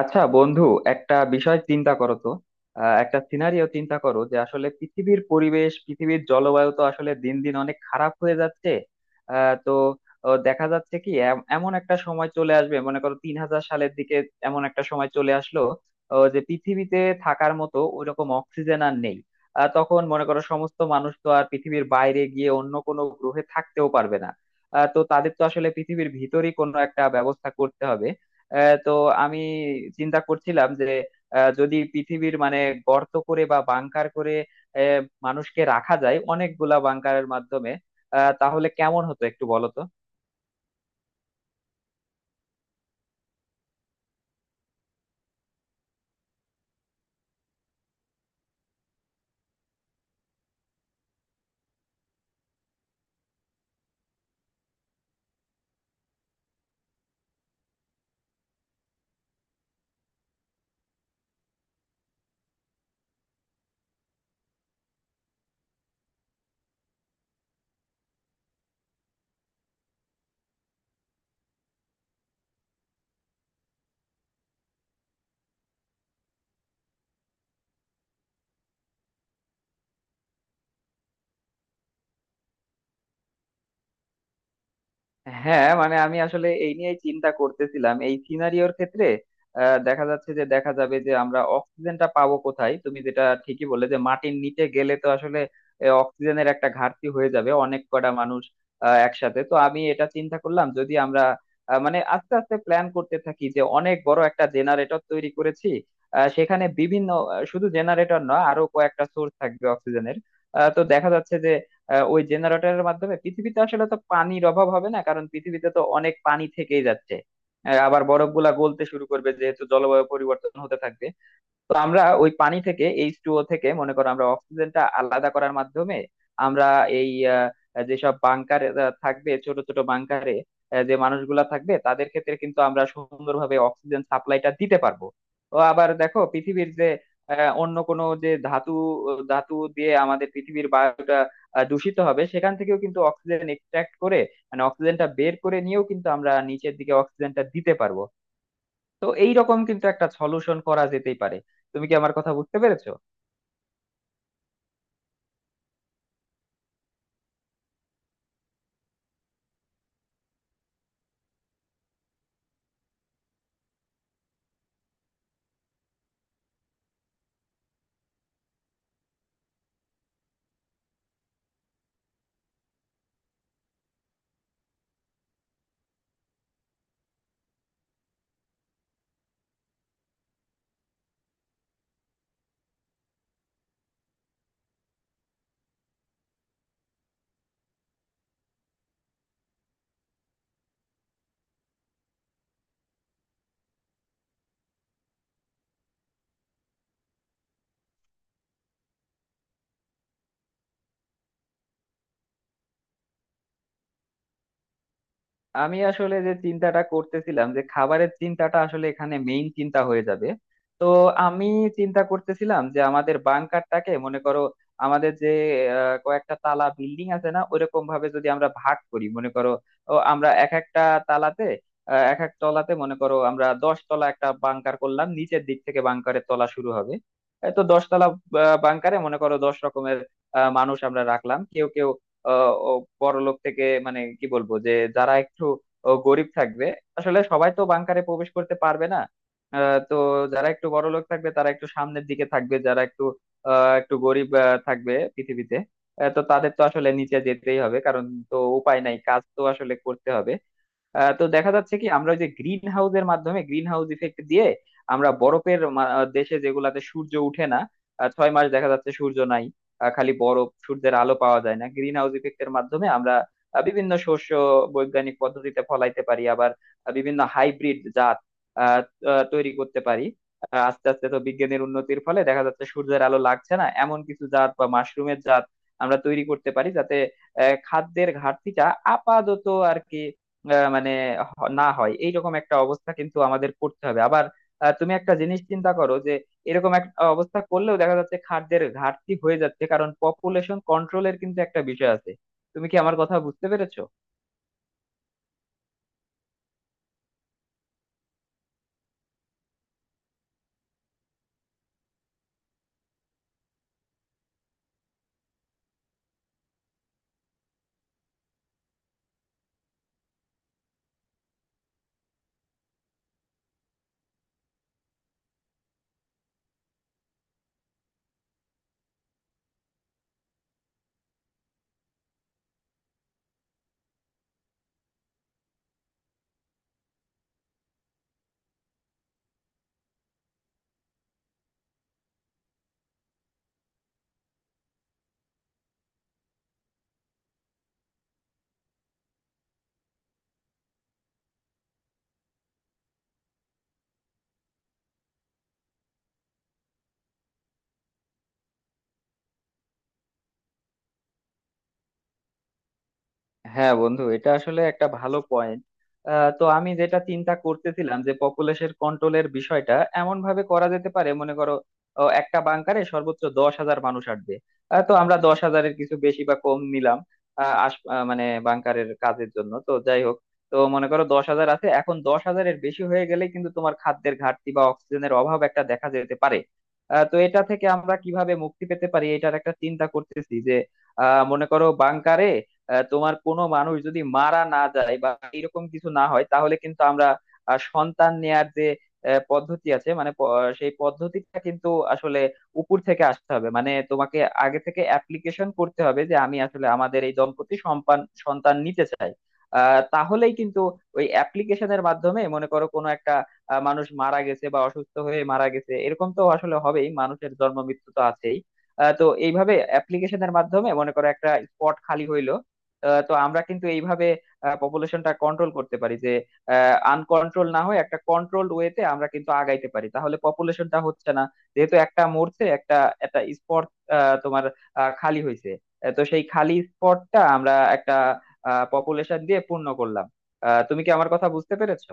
আচ্ছা বন্ধু, একটা বিষয় চিন্তা করো তো। একটা সিনারিও চিন্তা করো যে আসলে পৃথিবীর পরিবেশ, পৃথিবীর জলবায়ু তো আসলে দিন দিন অনেক খারাপ হয়ে যাচ্ছে। আহ, তো দেখা যাচ্ছে কি এমন একটা সময় চলে আসবে, মনে করো 3000 সালের দিকে এমন একটা সময় চলে আসলো যে পৃথিবীতে থাকার মতো ওইরকম অক্সিজেন আর নেই। তখন মনে করো সমস্ত মানুষ তো আর পৃথিবীর বাইরে গিয়ে অন্য কোনো গ্রহে থাকতেও পারবে না। তো তাদের তো আসলে পৃথিবীর ভিতরেই কোনো একটা ব্যবস্থা করতে হবে। আহ, তো আমি চিন্তা করছিলাম যে যদি পৃথিবীর মানে গর্ত করে বা বাংকার করে আহ, মানুষকে রাখা যায় অনেকগুলা বাংকারের মাধ্যমে, তাহলে কেমন হতো একটু বলো তো। হ্যাঁ মানে আমি আসলে এই নিয়েই চিন্তা করতেছিলাম এই সিনারিওর ক্ষেত্রে। দেখা যাচ্ছে যে দেখা যাবে যে আমরা অক্সিজেনটা পাবো কোথায়, তুমি যেটা ঠিকই বললে যে মাটির নিচে গেলে তো আসলে অক্সিজেনের একটা ঘাটতি হয়ে যাবে অনেক কটা মানুষ একসাথে। তো আমি এটা চিন্তা করলাম যদি আমরা মানে আস্তে আস্তে প্ল্যান করতে থাকি যে অনেক বড় একটা জেনারেটর তৈরি করেছি, সেখানে বিভিন্ন শুধু জেনারেটর নয় আরো কয়েকটা সোর্স থাকবে অক্সিজেনের। তো দেখা যাচ্ছে যে ওই জেনারেটরের মাধ্যমে পৃথিবীতে আসলে তো পানির অভাব হবে না, কারণ পৃথিবীতে তো অনেক পানি থেকেই যাচ্ছে। আবার বরফ গুলা গলতে শুরু করবে, যেহেতু জলবায়ু পরিবর্তন হতে থাকবে। তো আমরা ওই পানি থেকে, এইচ টু ও থেকে মনে করো আমরা অক্সিজেনটা আলাদা করার মাধ্যমে আমরা এই আহ, যেসব বাংকারে থাকবে, ছোট ছোট বাংকারে যে মানুষগুলা থাকবে তাদের ক্ষেত্রে কিন্তু আমরা সুন্দরভাবে অক্সিজেন সাপ্লাইটা দিতে পারবো। ও আবার দেখো পৃথিবীর যে অন্য কোনো যে ধাতু ধাতু দিয়ে আমাদের পৃথিবীর বায়ুটা দূষিত হবে, সেখান থেকেও কিন্তু অক্সিজেন এক্সট্রাক্ট করে, মানে অক্সিজেনটা বের করে নিয়েও কিন্তু আমরা নিচের দিকে অক্সিজেনটা দিতে পারবো। তো এই রকম কিন্তু একটা সলিউশন করা যেতেই পারে। তুমি কি আমার কথা বুঝতে পেরেছো? আমি আসলে যে চিন্তাটা করতেছিলাম যে খাবারের চিন্তাটা আসলে এখানে মেইন চিন্তা হয়ে যাবে। তো আমি চিন্তা করতেছিলাম যে আমাদের বাংকারটাকে মনে করো আমাদের যে কয়েকটা তালা বিল্ডিং আছে না, ওইরকম ভাবে যদি আমরা ভাগ করি মনে করো, আমরা এক একটা তালাতে এক এক তলাতে মনে করো আমরা 10 তলা একটা বাংকার করলাম, নিচের দিক থেকে বাংকারের তলা শুরু হবে। এই তো 10 তলা বাংকারে মনে করো 10 রকমের মানুষ আমরা রাখলাম। কেউ কেউ আহ ও বড়লোক, থেকে মানে কি বলবো যে যারা একটু গরিব থাকবে। আসলে সবাই তো বাংকারে প্রবেশ করতে পারবে না। তো যারা একটু বড়লোক থাকবে তারা একটু সামনের দিকে থাকবে, যারা একটু একটু গরিব থাকবে পৃথিবীতে, তো তাদের তো আসলে নিচে যেতেই হবে, কারণ তো উপায় নাই, কাজ তো আসলে করতে হবে। তো দেখা যাচ্ছে কি আমরা ওই যে গ্রিন হাউসের মাধ্যমে, গ্রিন হাউস ইফেক্ট দিয়ে আমরা দেশে যেগুলাতে সূর্য উঠে না, 6 মাস দেখা যাচ্ছে সূর্য নাই, খালি বরফ, সূর্যের আলো পাওয়া যায় না, গ্রিন হাউস ইফেক্টের মাধ্যমে আমরা বিভিন্ন শস্য বৈজ্ঞানিক পদ্ধতিতে ফলাইতে পারি। আবার বিভিন্ন হাইব্রিড জাত আহ, আহ, তৈরি করতে পারি। আস্তে আস্তে তো বিজ্ঞানের উন্নতির ফলে দেখা যাচ্ছে সূর্যের আলো লাগছে না এমন কিছু জাত বা মাশরুমের জাত আমরা তৈরি করতে পারি, যাতে খাদ্যের ঘাটতিটা আপাতত আর কি আহ মানে না হয়। এইরকম একটা অবস্থা কিন্তু আমাদের করতে হবে। আবার তুমি একটা জিনিস চিন্তা করো যে এরকম একটা অবস্থা করলেও দেখা যাচ্ছে খাদ্যের ঘাটতি হয়ে যাচ্ছে, কারণ পপুলেশন কন্ট্রোলের কিন্তু একটা বিষয় আছে। তুমি কি আমার কথা বুঝতে পেরেছো? হ্যাঁ বন্ধু, এটা আসলে একটা ভালো পয়েন্ট। তো আমি যেটা চিন্তা করতেছিলাম যে পপুলেশন কন্ট্রোলের বিষয়টা এমন ভাবে করা যেতে পারে, মনে করো একটা বাংকারে সর্বোচ্চ 10,000 মানুষ আসবে। তো আমরা 10,000-এর কিছু বেশি বা কম নিলাম, মানে বাংকারের কাজের জন্য তো যাই হোক। তো মনে করো 10,000 আছে, এখন 10,000-এর বেশি হয়ে গেলে কিন্তু তোমার খাদ্যের ঘাটতি বা অক্সিজেনের অভাব একটা দেখা যেতে পারে। তো এটা থেকে আমরা কিভাবে মুক্তি পেতে পারি, এটার একটা চিন্তা করতেছি যে মনে করো বাংকারে তোমার কোনো মানুষ যদি মারা না যায় বা এরকম কিছু না হয়, তাহলে কিন্তু আমরা সন্তান নেয়ার যে পদ্ধতি আছে, সেই পদ্ধতিটা কিন্তু আসলে উপর থেকে আসতে হবে। মানে তোমাকে আগে থেকে অ্যাপ্লিকেশন করতে হবে যে আমি আসলে আমাদের এই দম্পতি সম্পান সন্তান নিতে চাই। তাহলেই কিন্তু ওই অ্যাপ্লিকেশনের মাধ্যমে মনে করো কোনো একটা মানুষ মারা গেছে বা অসুস্থ হয়ে মারা গেছে, এরকম তো আসলে হবেই, মানুষের জন্ম মৃত্যু তো আছেই। তো এইভাবে অ্যাপ্লিকেশনের মাধ্যমে মনে করো একটা স্পট খালি হইলো। তো আমরা কিন্তু এইভাবে পপুলেশনটা কন্ট্রোল করতে পারি যে আনকন্ট্রোল না হয়ে একটা কন্ট্রোলড ওয়েতে আমরা কিন্তু আগাইতে পারি, তাহলে পপুলেশনটা হচ্ছে না। যেহেতু একটা মরছে, একটা একটা স্পট তোমার খালি হয়েছে, তো সেই খালি স্পটটা আমরা একটা পপুলেশন দিয়ে পূর্ণ করলাম। তুমি কি আমার কথা বুঝতে পেরেছো?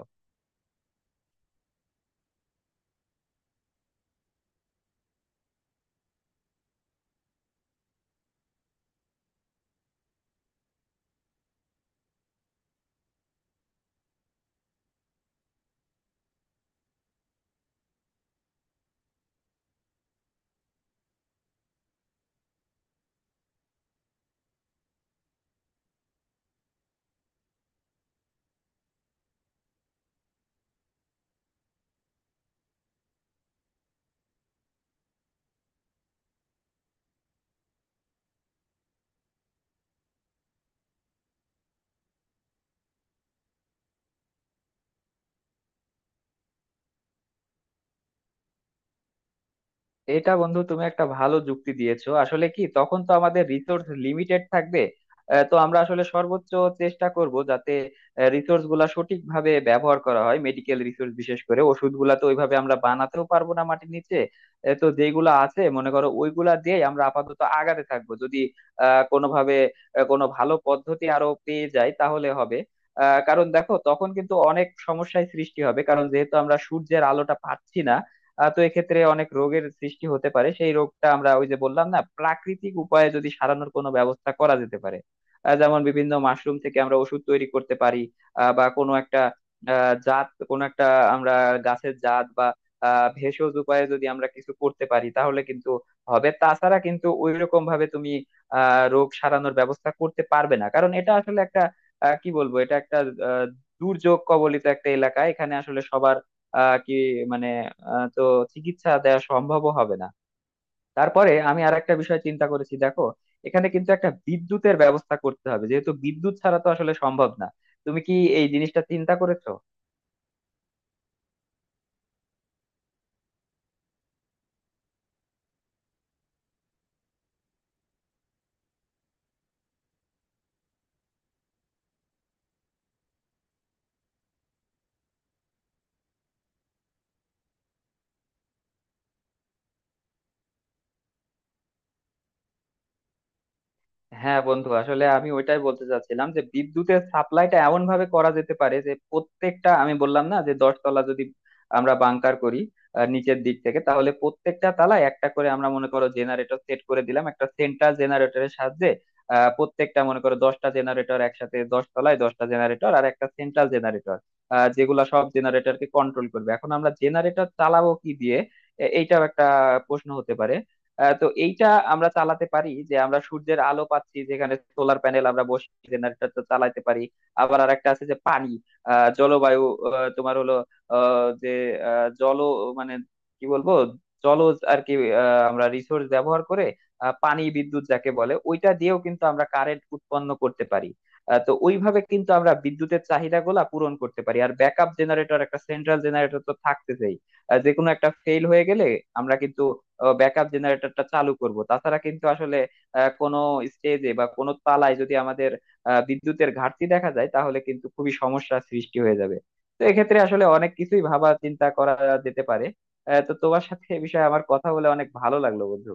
এটা বন্ধু তুমি একটা ভালো যুক্তি দিয়েছো। আসলে কি, তখন তো আমাদের রিসোর্স লিমিটেড থাকবে। তো আমরা আসলে সর্বোচ্চ চেষ্টা করব যাতে রিসোর্স গুলা সঠিকভাবে ব্যবহার করা হয়, মেডিকেল রিসোর্স বিশেষ করে। ওষুধ গুলা তো ওইভাবে আমরা বানাতেও পারবো না মাটির নিচে। তো যেগুলো আছে মনে করো ওইগুলা দিয়ে আমরা আপাতত আগাতে থাকবো, যদি কোনোভাবে কোনো ভালো পদ্ধতি আরো পেয়ে যাই তাহলে হবে। কারণ দেখো তখন কিন্তু অনেক সমস্যায় সৃষ্টি হবে, কারণ যেহেতু আমরা সূর্যের আলোটা পাচ্ছি না। তো এক্ষেত্রে অনেক রোগের সৃষ্টি হতে পারে, সেই রোগটা আমরা ওই যে বললাম না, প্রাকৃতিক উপায়ে যদি সারানোর কোনো ব্যবস্থা করা যেতে পারে, যেমন বিভিন্ন মাশরুম থেকে আমরা ওষুধ তৈরি করতে পারি, বা কোনো একটা আহ, জাত কোনো একটা আমরা গাছের জাত বা ভেষজ উপায়ে যদি আমরা কিছু করতে পারি তাহলে কিন্তু হবে। তাছাড়া কিন্তু ওই রকম ভাবে তুমি রোগ সারানোর ব্যবস্থা করতে পারবে না, কারণ এটা আসলে একটা আহ, কি বলবো এটা একটা আহ, দুর্যোগ কবলিত একটা এলাকা। এখানে আসলে সবার আহ, কি মানে আহ, তো চিকিৎসা দেওয়া সম্ভব হবে না। তারপরে আমি আর একটা বিষয় চিন্তা করেছি, দেখো এখানে কিন্তু একটা বিদ্যুতের ব্যবস্থা করতে হবে, যেহেতু বিদ্যুৎ ছাড়া তো আসলে সম্ভব না। তুমি কি এই জিনিসটা চিন্তা করেছো? হ্যাঁ বন্ধু, আসলে আমি ওইটাই বলতে চাচ্ছিলাম যে বিদ্যুতের সাপ্লাইটা এমন ভাবে করা যেতে পারে যে প্রত্যেকটা, আমি বললাম না যে দশতলা যদি আমরা বাংকার করি, নিচের দিক থেকে, তাহলে প্রত্যেকটা তলায় একটা করে আমরা মনে করো জেনারেটর সেট করে দিলাম একটা সেন্ট্রাল জেনারেটরের সাহায্যে। প্রত্যেকটা মনে করো 10টা জেনারেটর একসাথে, 10 তলায় 10টা জেনারেটর আর একটা সেন্ট্রাল জেনারেটর, যেগুলা সব জেনারেটরকে কন্ট্রোল করবে। এখন আমরা জেনারেটর চালাবো কি দিয়ে, এইটাও একটা প্রশ্ন হতে পারে। তো এইটা আমরা চালাতে পারি যে আমরা সূর্যের আলো পাচ্ছি যেখানে, সোলার প্যানেল আমরা বসিয়ে জেনারেটর তো চালাতে পারি। আবার আর একটা আছে যে পানি, আহ, জলবায়ু আহ, তোমার হলো আহ, যে আহ, জল মানে কি বলবো জলজ আর কি, আমরা রিসোর্স ব্যবহার করে পানি বিদ্যুৎ যাকে বলে ওইটা দিয়েও কিন্তু আমরা কারেন্ট উৎপন্ন করতে পারি। তো ওইভাবে কিন্তু আমরা বিদ্যুতের চাহিদাগুলা পূরণ করতে পারি, আর ব্যাকআপ জেনারেটর একটা সেন্ট্রাল জেনারেটর তো থাকতেছেই, যে কোনো একটা ফেল হয়ে গেলে আমরা কিন্তু ব্যাকআপ জেনারেটরটা চালু করব। তাছাড়া কিন্তু আসলে কোনো স্টেজে বা কোনো তালায় যদি আমাদের বিদ্যুতের ঘাটতি দেখা যায়, তাহলে কিন্তু খুবই সমস্যার সৃষ্টি হয়ে যাবে। তো এক্ষেত্রে আসলে অনেক কিছুই ভাবা চিন্তা করা যেতে পারে। তো তোমার সাথে এ বিষয়ে আমার কথা বলে অনেক ভালো লাগলো বন্ধু।